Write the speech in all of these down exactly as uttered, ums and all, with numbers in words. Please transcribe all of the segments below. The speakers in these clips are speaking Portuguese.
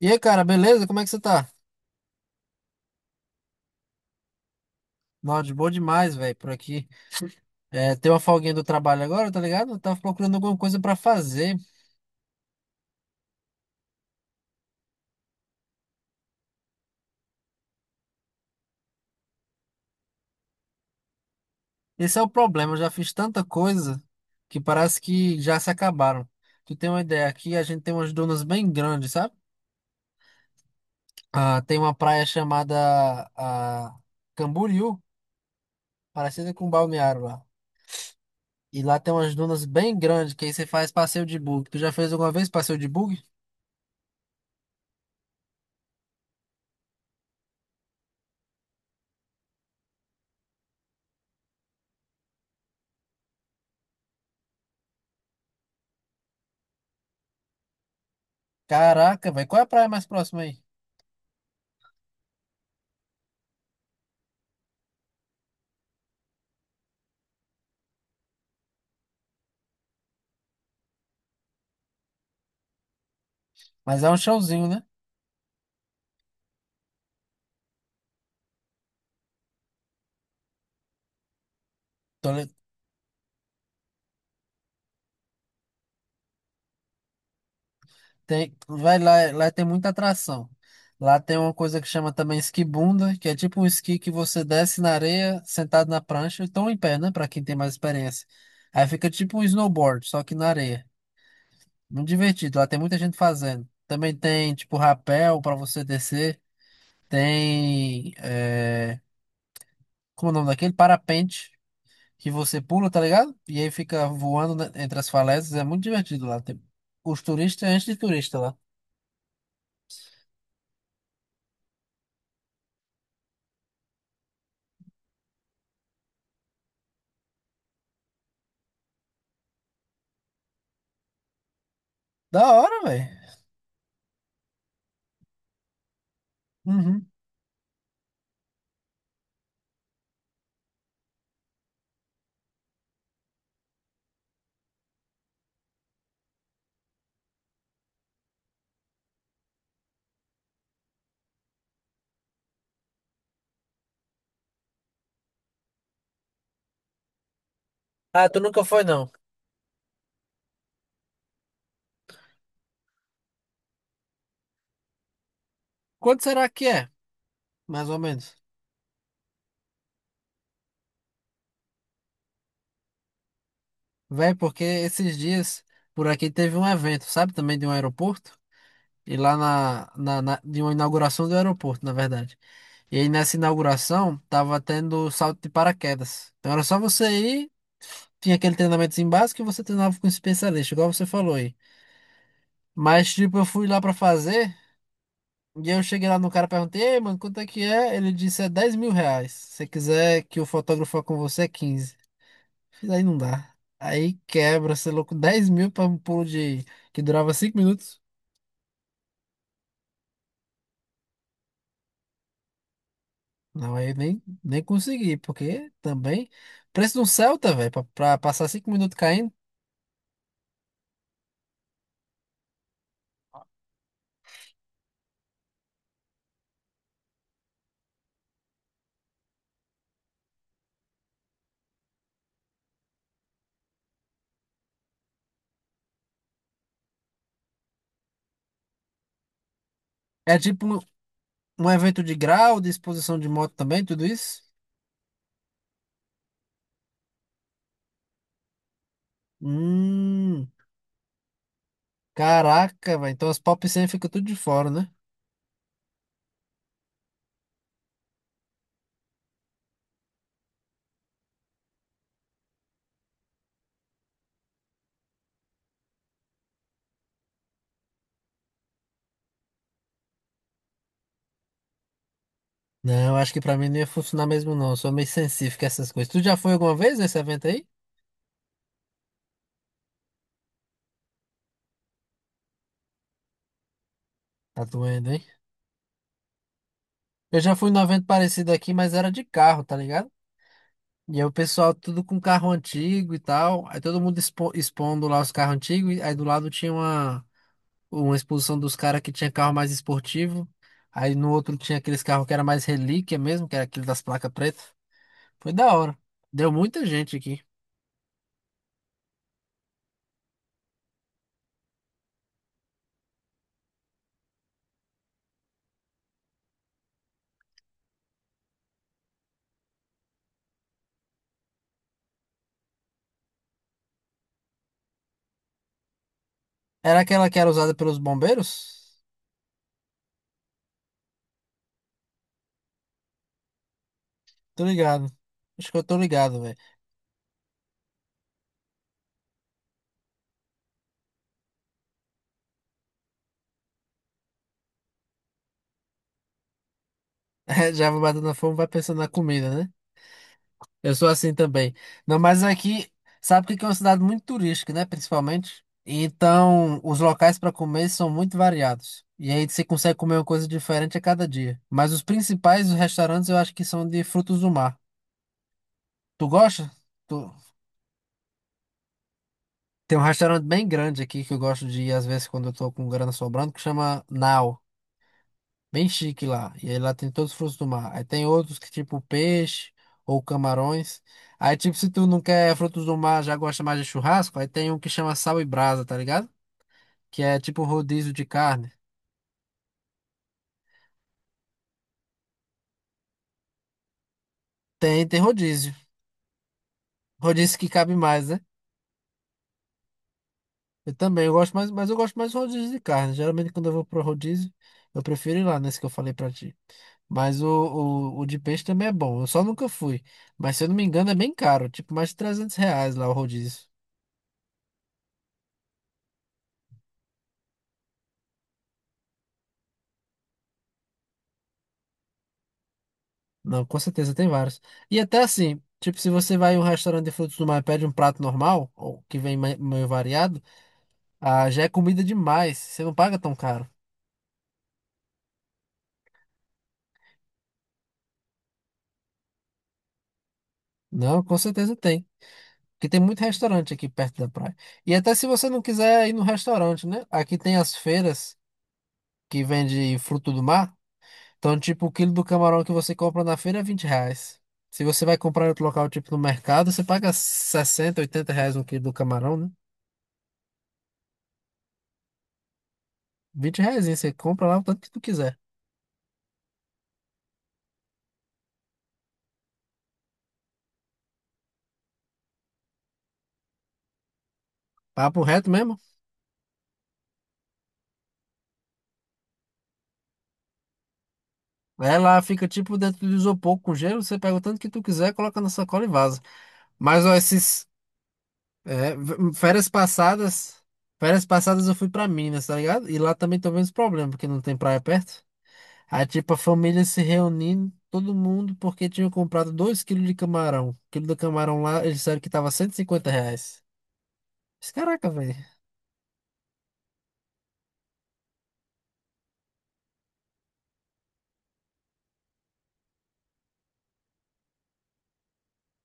E aí, cara, beleza? Como é que você tá? Nossa, de boa demais, velho, por aqui. É, tem uma folguinha do trabalho agora, tá ligado? Eu tava procurando alguma coisa pra fazer. Esse é o problema, eu já fiz tanta coisa que parece que já se acabaram. Tu tem uma ideia, aqui a gente tem umas dunas bem grandes, sabe? Ah, tem uma praia chamada ah, Camboriú, parecida com Balneário lá. E lá tem umas dunas bem grandes, que aí você faz passeio de bug. Tu já fez alguma vez passeio de bug? Caraca, velho, qual é a praia mais próxima aí? Mas é um chãozinho, né? Tô. Tem, vai lá, lá tem muita atração. Lá tem uma coisa que chama também esquibunda, que é tipo um esqui que você desce na areia, sentado na prancha, então em pé, né? Pra quem tem mais experiência. Aí fica tipo um snowboard, só que na areia. Muito divertido, lá tem muita gente fazendo. Também tem tipo rapel pra você descer. Tem. É, como é o nome daquele? Parapente, que você pula, tá ligado? E aí fica voando né, entre as falésias. É muito divertido lá. Tem, os turistas enchem de turista lá. Da hora, velho. Uhum. Ah, tu nunca foi, não. Quanto será que é, mais ou menos? Véi, porque esses dias por aqui teve um evento, sabe? Também de um aeroporto. E lá na, na, na- de uma inauguração do aeroporto, na verdade. E aí nessa inauguração tava tendo salto de paraquedas. Então era só você ir, tinha aquele treinamento básico e você treinava com um especialista, igual você falou aí. Mas, tipo, eu fui lá pra fazer. E eu cheguei lá no cara, perguntei, ei, mano, quanto é que é? Ele disse, é dez mil reais. Se você quiser que o fotógrafo vá com você, é quinze. Mas aí não dá. Aí quebra, você é louco, dez mil para um pulo de que durava cinco minutos. Não, aí nem, nem consegui, porque também. Preço de um Celta, velho, pra, pra passar cinco minutos caindo. É tipo um, um evento de grau, de exposição de moto também, tudo isso. Hum, caraca, velho. Então as pop cem fica tudo de fora, né? Não, acho que pra mim não ia funcionar mesmo, não. Eu sou meio sensível com essas coisas. Tu já foi alguma vez nesse evento aí? Tá doendo, hein? Eu já fui num evento parecido aqui, mas era de carro, tá ligado? E aí o pessoal tudo com carro antigo e tal. Aí todo mundo expo- expondo lá os carros antigos. E aí do lado tinha uma, uma exposição dos caras que tinha carro mais esportivo. Aí no outro tinha aqueles carros que era mais relíquia mesmo, que era aquele das placas pretas. Foi da hora. Deu muita gente aqui. Era aquela que era usada pelos bombeiros? Tô ligado. Acho que eu tô ligado, velho. Já vai batendo a fome, vai pensando na comida, né? Eu sou assim também. Não, mas aqui, sabe que aqui é uma cidade muito turística, né? Principalmente. Então, os locais para comer são muito variados. E aí você consegue comer uma coisa diferente a cada dia. Mas os principais, os restaurantes, eu acho que são de frutos do mar. Tu gosta? Tu. Tem um restaurante bem grande aqui que eu gosto de ir às vezes quando eu tô com grana sobrando, que chama Nau. Bem chique lá. E aí lá tem todos os frutos do mar. Aí tem outros que tipo peixe ou camarões. Aí tipo, se tu não quer frutos do mar, já gosta mais de churrasco, aí tem um que chama sal e brasa, tá ligado? Que é tipo rodízio de carne. Tem, tem rodízio. Rodízio que cabe mais, né? Eu também, eu gosto mais, mas eu gosto mais de rodízio de carne. Geralmente quando eu vou pro rodízio, eu prefiro ir lá nesse que eu falei pra ti. Mas o, o, o de peixe também é bom. Eu só nunca fui. Mas se eu não me engano, é bem caro. Tipo, mais de trezentos reais lá o rodízio. Não, com certeza tem vários. E até assim, tipo, se você vai em um restaurante de frutos do mar e pede um prato normal, ou que vem me- meio variado, ah, já é comida demais. Você não paga tão caro. Não, com certeza tem. Porque tem muito restaurante aqui perto da praia. E até se você não quiser ir no restaurante, né? Aqui tem as feiras que vende fruto do mar. Então, tipo, o quilo do camarão que você compra na feira é vinte reais. Se você vai comprar em outro local, tipo no mercado, você paga sessenta, oitenta reais um quilo do camarão, né? Vinte reais, você compra lá o tanto que tu quiser. Papo reto mesmo? Ela fica tipo dentro do isopor com gelo, você pega o tanto que tu quiser, coloca na sacola e vaza. Mas ó, esses é, v- férias passadas, férias passadas eu fui pra Minas, tá ligado? E lá também tô vendo esse problema, porque não tem praia perto. Aí tipo a família se reunindo, todo mundo, porque tinham comprado dois quilos de camarão. O quilo do camarão lá, eles disseram que tava cento e cinquenta reais. Mas, caraca, velho.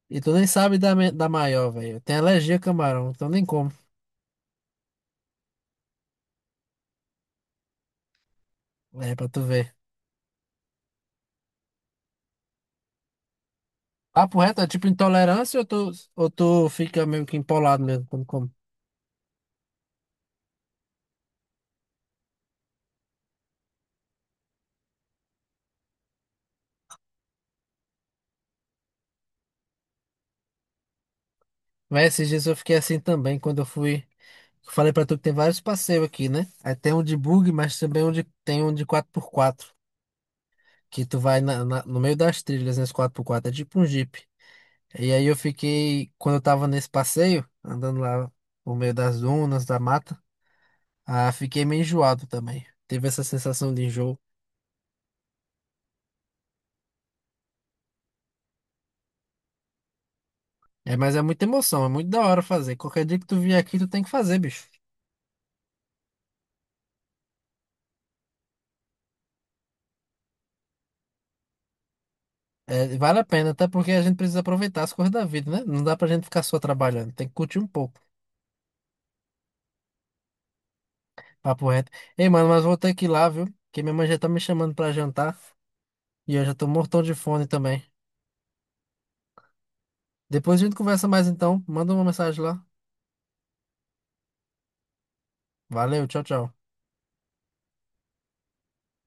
E tu nem sabe da, me- da maior, velho. Eu tenho alergia a camarão, então nem como. É, pra tu ver. Papo reto, é tipo intolerância ou tu, ou tu fica meio que empolado mesmo quando come? Mas esses dias eu fiquei assim também, quando eu fui. Eu falei pra tu que tem vários passeios aqui, né? Aí tem um de bug, mas também um de, tem um de quatro por quatro que tu vai na- na- no meio das trilhas nesse quatro por quatro. É tipo um Jeep. E aí eu fiquei, quando eu tava nesse passeio, andando lá no meio das dunas, da mata, ah, fiquei meio enjoado também. Teve essa sensação de enjoo. É, mas é muita emoção, é muito da hora fazer. Qualquer dia que tu vier aqui, tu tem que fazer, bicho. É, vale a pena, até porque a gente precisa aproveitar as coisas da vida, né? Não dá pra gente ficar só trabalhando, tem que curtir um pouco. Papo reto. Ei, mano, mas vou ter que ir lá, viu? Porque minha mãe já tá me chamando pra jantar e eu já tô mortão de fome também. Depois a gente conversa mais então. Manda uma mensagem lá. Valeu, tchau, tchau.